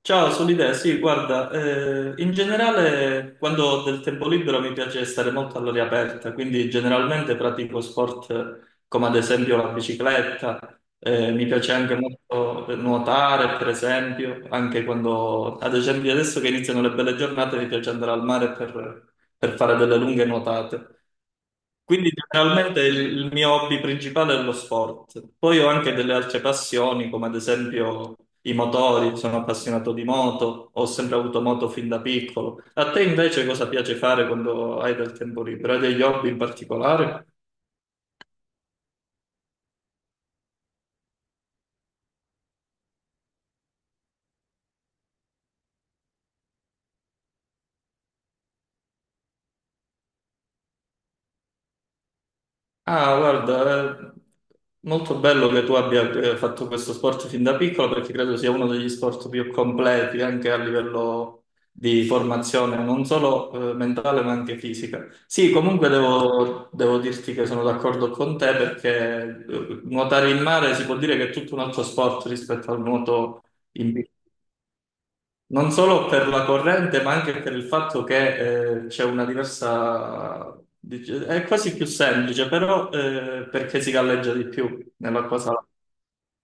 Ciao, sono l'idea. Sì, guarda, in generale quando ho del tempo libero mi piace stare molto all'aria aperta, quindi generalmente pratico sport come ad esempio la bicicletta, mi piace anche molto nuotare, per esempio, anche quando, ad esempio adesso che iniziano le belle giornate, mi piace andare al mare per fare delle lunghe nuotate. Quindi generalmente il mio hobby principale è lo sport. Poi ho anche delle altre passioni, come ad esempio i motori, sono appassionato di moto, ho sempre avuto moto fin da piccolo. A te invece cosa piace fare quando hai del tempo libero? Hai degli hobby in particolare? Ah, guarda, è molto bello che tu abbia fatto questo sport fin da piccolo perché credo sia uno degli sport più completi anche a livello di formazione, non solo mentale ma anche fisica. Sì, comunque devo dirti che sono d'accordo con te perché nuotare in mare si può dire che è tutto un altro sport rispetto al nuoto in non solo per la corrente, ma anche per il fatto che c'è una diversa. È quasi più semplice, però perché si galleggia di più nell'acqua salata.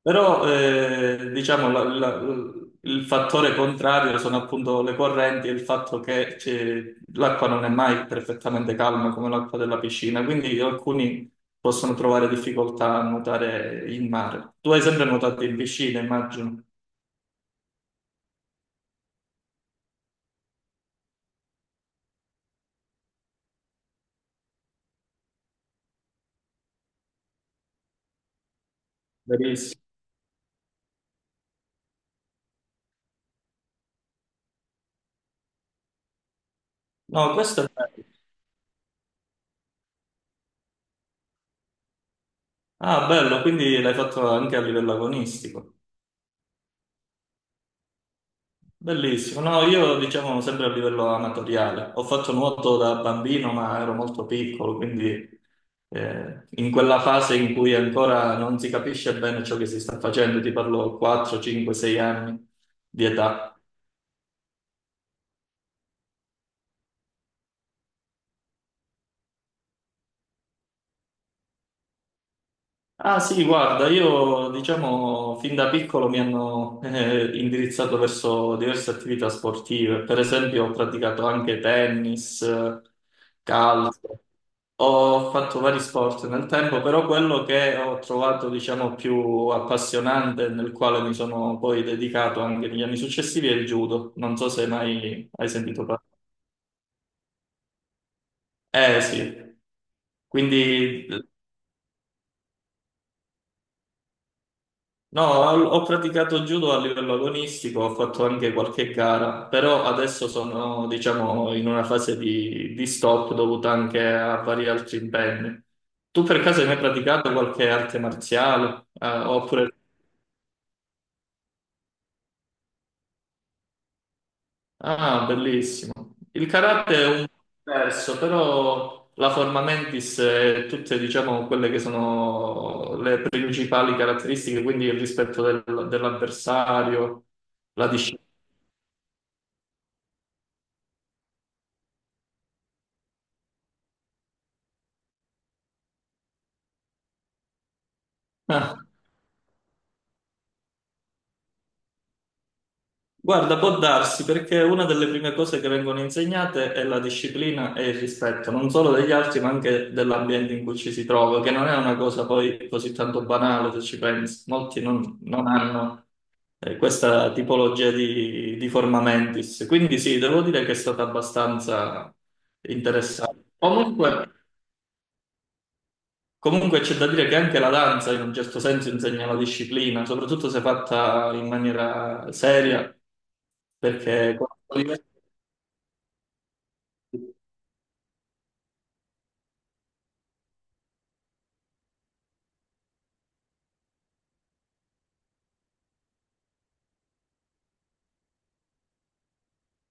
Però diciamo il fattore contrario sono appunto le correnti e il fatto che l'acqua non è mai perfettamente calma come l'acqua della piscina, quindi alcuni possono trovare difficoltà a nuotare in mare. Tu hai sempre nuotato in piscina, immagino. Verissimo. No, questo è bello. Ah, bello, quindi l'hai fatto anche a livello agonistico. Bellissimo. No, io diciamo sempre a livello amatoriale. Ho fatto nuoto da bambino, ma ero molto piccolo, quindi in quella fase in cui ancora non si capisce bene ciò che si sta facendo, ti parlo 4, 5, 6 anni di età. Ah sì, guarda, io diciamo fin da piccolo mi hanno indirizzato verso diverse attività sportive, per esempio ho praticato anche tennis, calcio. Ho fatto vari sport nel tempo, però quello che ho trovato, diciamo, più appassionante, nel quale mi sono poi dedicato anche negli anni successivi, è il judo. Non so se mai hai sentito parlare. Eh sì, quindi no, ho praticato judo a livello agonistico, ho fatto anche qualche gara, però adesso sono, diciamo, in una fase di stop dovuta anche a vari altri impegni. Tu per caso hai mai praticato qualche arte marziale, oppure. Ah, bellissimo. Il karate è un po' diverso, però la forma mentis e tutte, diciamo, quelle che sono le principali caratteristiche, quindi il rispetto dell'avversario, la disciplina. Ah, guarda, può darsi perché una delle prime cose che vengono insegnate è la disciplina e il rispetto, non solo degli altri, ma anche dell'ambiente in cui ci si trova, che non è una cosa poi così tanto banale se ci pensi. Molti non hanno. Questa tipologia di forma mentis. Quindi sì, devo dire che è stata abbastanza interessante. Comunque, c'è da dire che anche la danza in un certo senso insegna la disciplina, soprattutto se fatta in maniera seria. perché...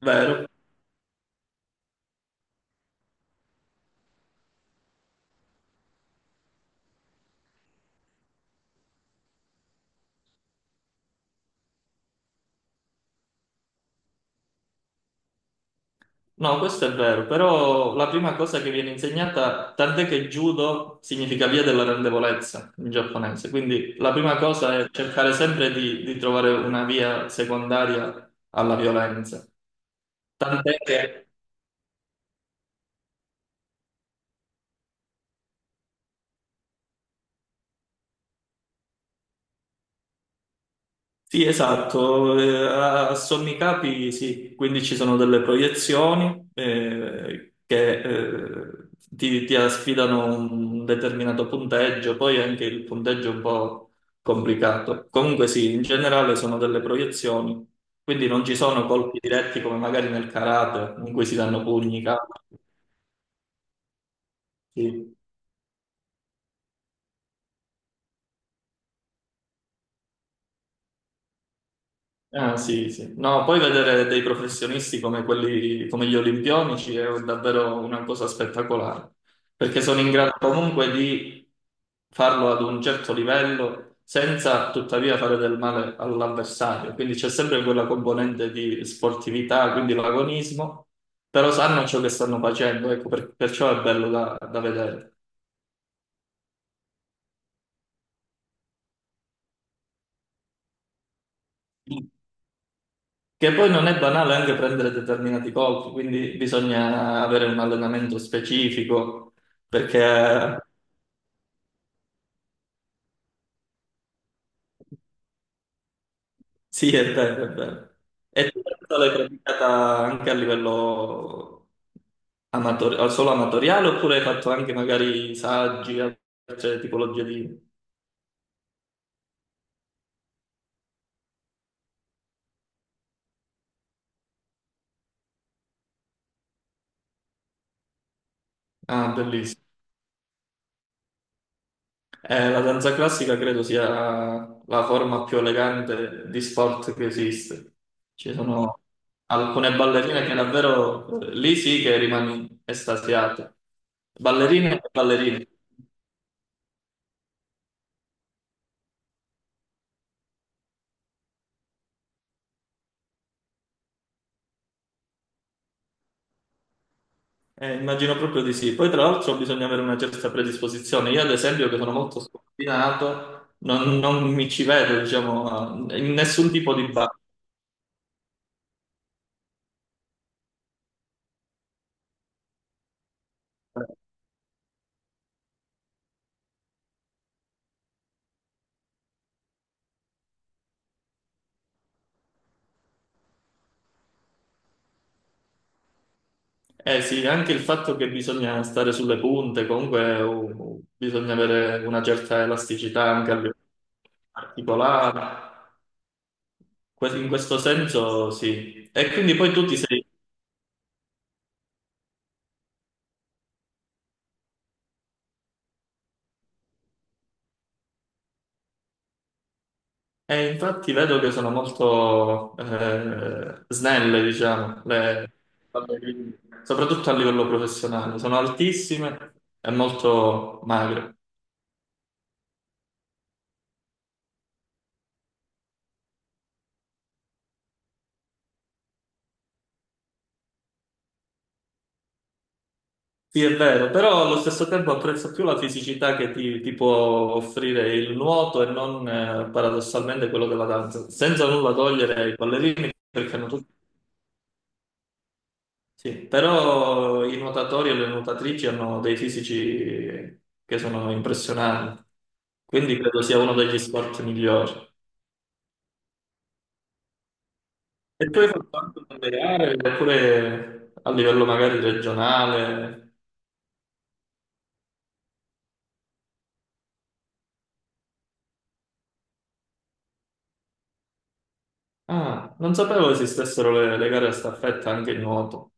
Vero. No, questo è vero, però la prima cosa che viene insegnata, tant'è che judo significa via della rendevolezza in giapponese, quindi la prima cosa è cercare sempre di trovare una via secondaria alla violenza. Tant'è che Sì, esatto, a sommi capi sì, quindi ci sono delle proiezioni che ti asfidano un determinato punteggio, poi anche il punteggio è un po' complicato. Comunque sì, in generale sono delle proiezioni, quindi non ci sono colpi diretti come magari nel karate, in cui si danno pugni, capi. Ah, sì, sì. No, poi vedere dei professionisti come quelli, come gli olimpionici è davvero una cosa spettacolare, perché sono in grado comunque di farlo ad un certo livello senza tuttavia fare del male all'avversario. Quindi c'è sempre quella componente di sportività, quindi l'agonismo, però sanno ciò che stanno facendo, ecco, perciò è bello da vedere. Che poi non è banale anche prendere determinati colpi, quindi bisogna avere un allenamento specifico, perché sì, è vero, è vero. E tu questa l'hai praticata anche a livello amatoriale, solo amatoriale, oppure hai fatto anche magari saggi, altre tipologie di. Ah, bellissimo. La danza classica credo sia la forma più elegante di sport che esiste. Ci sono alcune ballerine che davvero lì sì che rimani estasiato. Ballerine e ballerine. Immagino proprio di sì. Poi, tra l'altro, bisogna avere una certa predisposizione. Io, ad esempio, che sono molto scombinato, non mi ci vedo, diciamo, in nessun tipo di ballo. Eh sì, anche il fatto che bisogna stare sulle punte, comunque bisogna avere una certa elasticità anche a livello articolare. In questo senso sì. E quindi poi tu ti sei. E infatti vedo che sono molto snelle, diciamo, le ballerine, soprattutto a livello professionale. Sono altissime e molto magre. Sì, è vero, però allo stesso tempo apprezzo più la fisicità che ti può offrire il nuoto e non paradossalmente quello della danza, senza nulla togliere ai ballerini, perché hanno tutti. Sì, però i nuotatori e le nuotatrici hanno dei fisici che sono impressionanti, quindi credo sia uno degli sport migliori. E tu hai fatto anche delle gare, oppure a livello magari regionale? Ah, non sapevo esistessero le gare a staffetta anche in nuoto.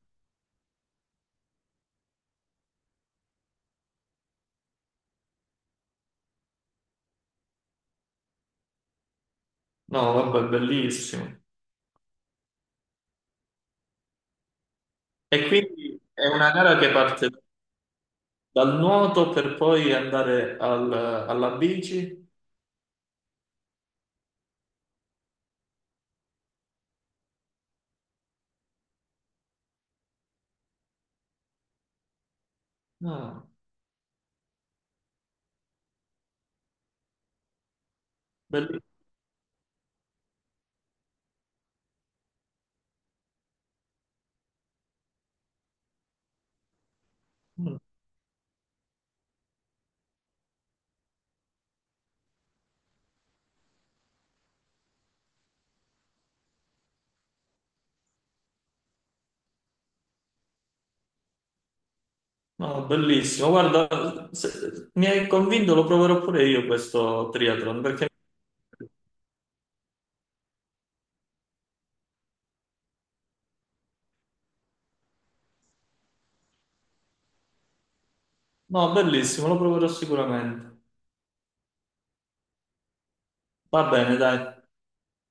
No, vabbè, bellissimo. E quindi è una gara che parte dal nuoto per poi andare alla bici? No, bellissimo. No, bellissimo. Guarda, mi hai convinto, lo proverò pure io questo triathlon. No, bellissimo, lo proverò sicuramente. Va bene, dai.